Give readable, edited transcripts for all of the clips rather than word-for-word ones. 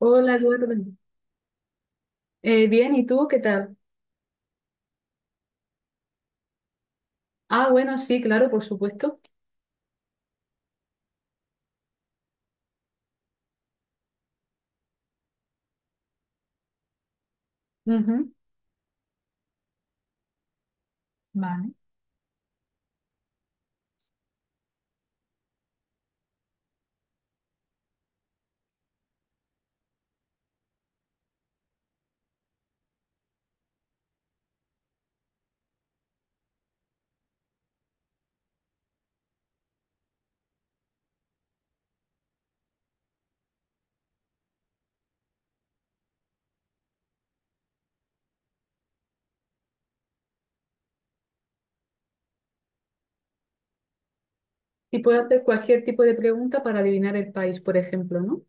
Hola, Eduardo. Bien, ¿y tú qué tal? Ah, bueno, sí, claro, por supuesto. Ujú. Vale. ¿Y puedo hacer cualquier tipo de pregunta para adivinar el país, por ejemplo, ¿no?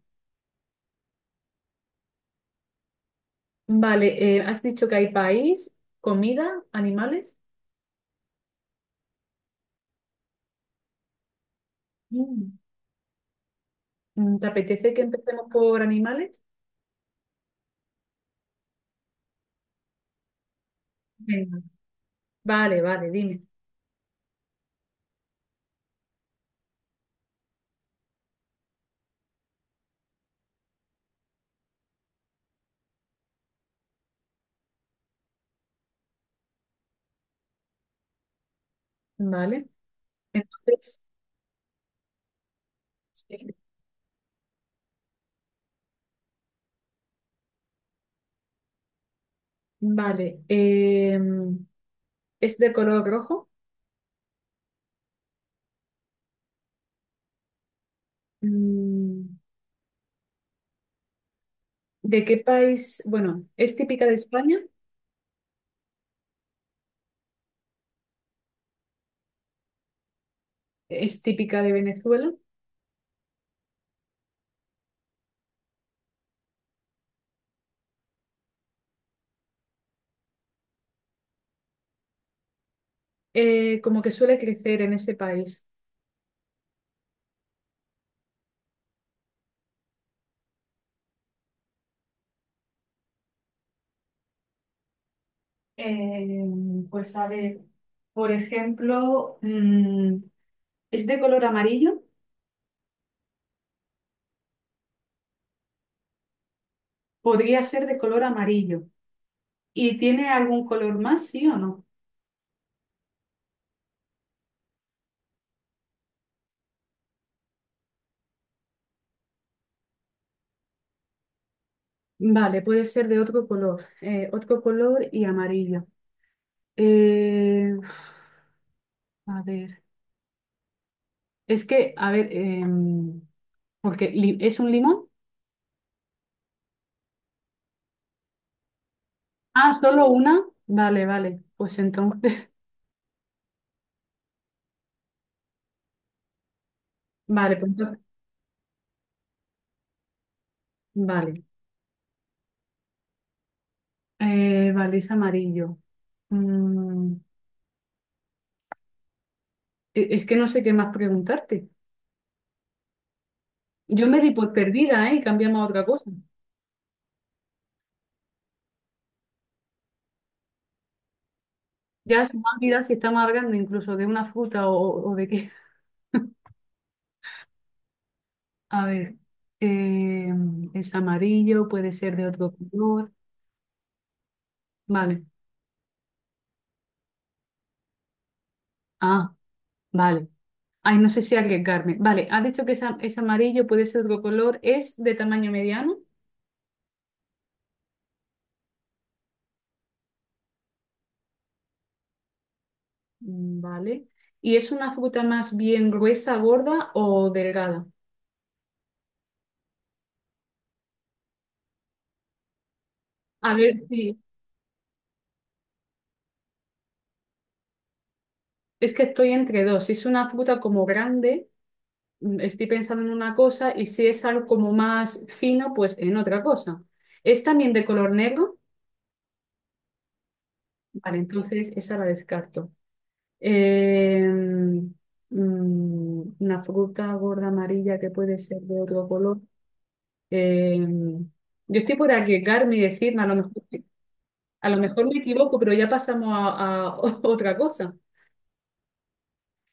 Vale, has dicho que hay país, comida, animales. Mm. ¿Te apetece que empecemos por animales? Venga. Vale, vale, dime. Vale, entonces, sí. Vale, ¿es de color rojo? Mm, ¿De qué país? Bueno, ¿es típica de España? ¿Es típica de Venezuela? ¿Eh, como que suele crecer en ese país? Eh, pues a ver, por ejemplo, ¿es de color amarillo? Podría ser de color amarillo. ¿Y tiene algún color más, sí o no? Vale, puede ser de otro color y amarillo. Eh, a ver, es que, a ver, ¿es un limón? Ah, solo una. Vale, vale, pues entonces, vale, vale. Vale, es amarillo. Mm, es que no sé qué más preguntarte. Yo me di por perdida, ¿eh? Y cambiamos a otra cosa. Ya se me ha olvidado si estamos hablando incluso de una fruta o de qué. A ver, eh, es amarillo, puede ser de otro color. Vale. Ah, vale. Ay, no sé si arriesgarme. Vale, has dicho que es, es amarillo, puede ser otro color. ¿Es de tamaño mediano? Mm. Vale. ¿Y es una fruta más bien gruesa, gorda o delgada? A ver, sí. Es que estoy entre dos. Si es una fruta como grande, estoy pensando en una cosa, y si es algo como más fino, pues en otra cosa. ¿Es también de color negro? Vale, entonces esa la descarto. Eh, una fruta gorda amarilla que puede ser de otro color. Eh, yo estoy por arriesgarme y decirme, a lo mejor me equivoco, pero ya pasamos a otra cosa.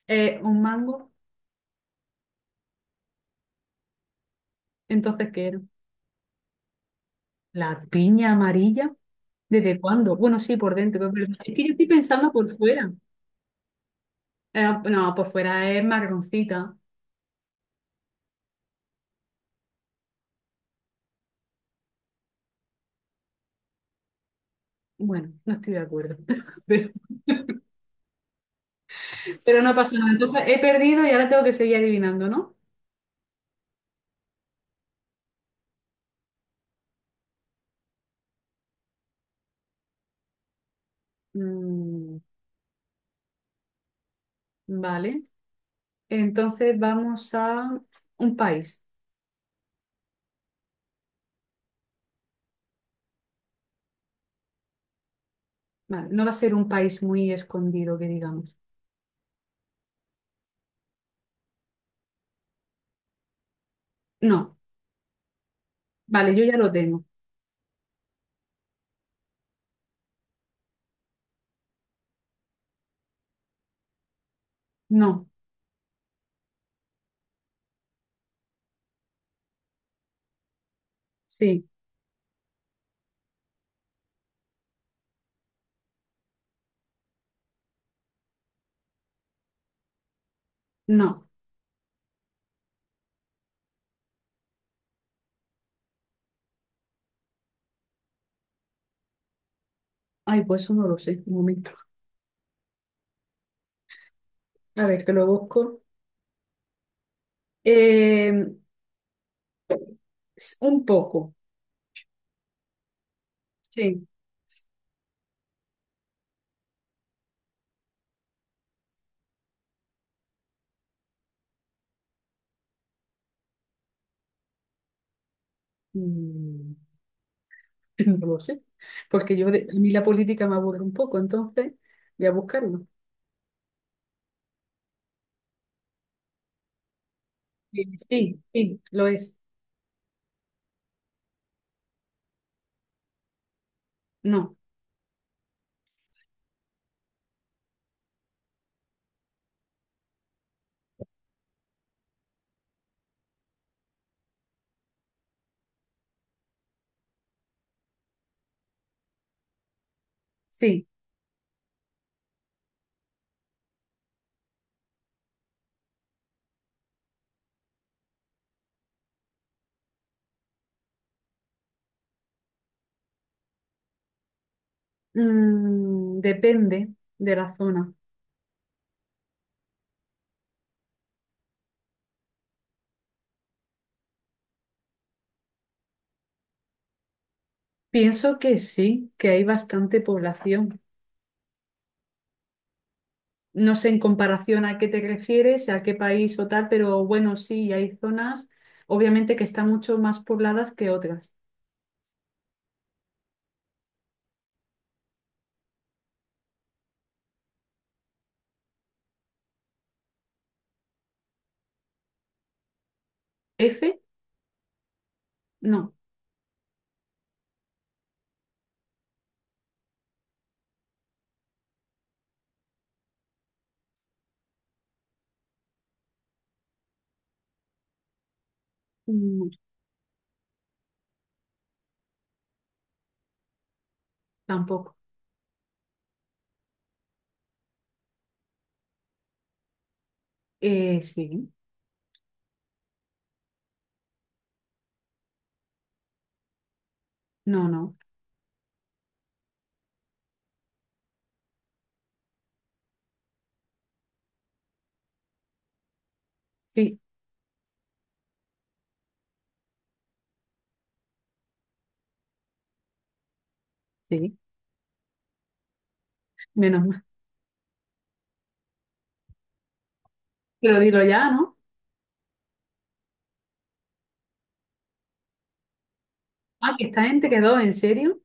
Un mango, entonces, ¿qué era? ¿La piña amarilla? ¿Desde cuándo? Bueno, sí, por dentro, es verdad. Es que yo estoy pensando por fuera. No, por fuera es marroncita. Bueno, no estoy de acuerdo. Pero, pero no pasa nada. Entonces he perdido y ahora tengo que seguir adivinando, ¿no? Mm, vale. Entonces vamos a un país. Vale, no va a ser un país muy escondido, que digamos. No. Vale, yo ya lo tengo. No. Sí. No. Ay, pues eso no lo sé. Un momento. A ver, que lo busco. Eh, un poco. Sí. Mm. No lo sé, porque a mí la política me aburre un poco, entonces voy a buscarlo. Sí, sí, sí, lo es. No, sí. Mm, depende de la zona. Pienso que sí, que hay bastante población. No sé en comparación a qué te refieres, a qué país o tal, pero bueno, sí, hay zonas, obviamente que están mucho más pobladas que otras. F, no. Mm, tampoco. Sí, no, no, sí, sí. Menos. Pero dilo ya, ¿no? Ah, ¿que esta gente quedó, ¿en serio?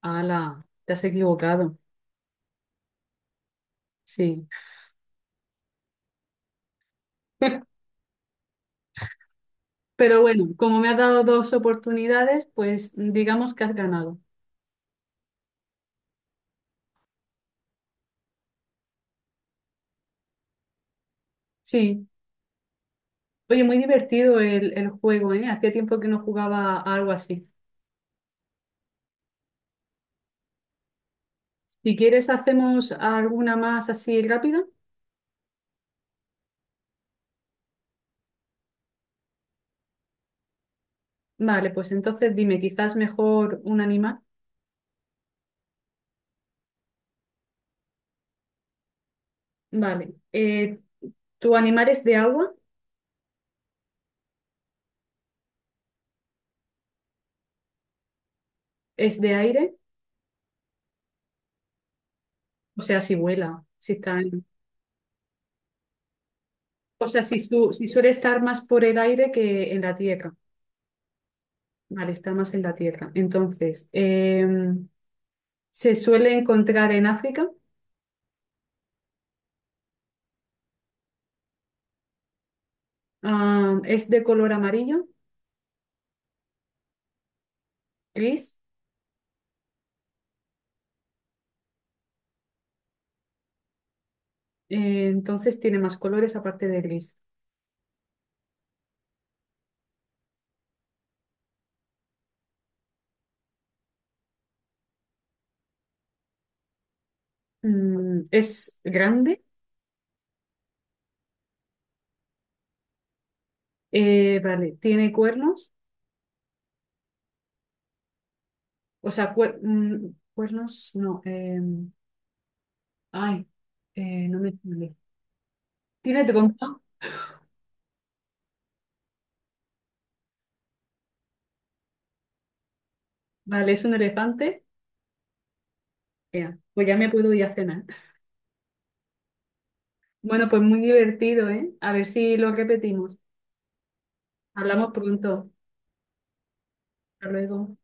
Ala, te has equivocado. Sí. Pero bueno, como me has dado dos oportunidades, pues digamos que has ganado. Sí. Oye, muy divertido el juego, ¿eh? Hacía tiempo que no jugaba a algo así. Si quieres, hacemos alguna más así rápida. Vale, pues entonces dime, quizás mejor un animal. Vale. ¿Tu animal es de agua? ¿Es de aire? O sea, si vuela, si está en... O sea, si suele estar más por el aire que en la tierra. Vale, está más en la tierra. Entonces, se suele encontrar en África. Es de color amarillo, gris. Entonces tiene más colores aparte de gris. Mm, es grande. Vale, tiene cuernos. O sea, cuernos, no. Ay, no me... Tiene trompa. Vale, es un elefante. Ya, pues ya me puedo ir a cenar. Bueno, pues muy divertido, ¿eh? A ver si lo repetimos. Hablamos pronto. Hasta luego.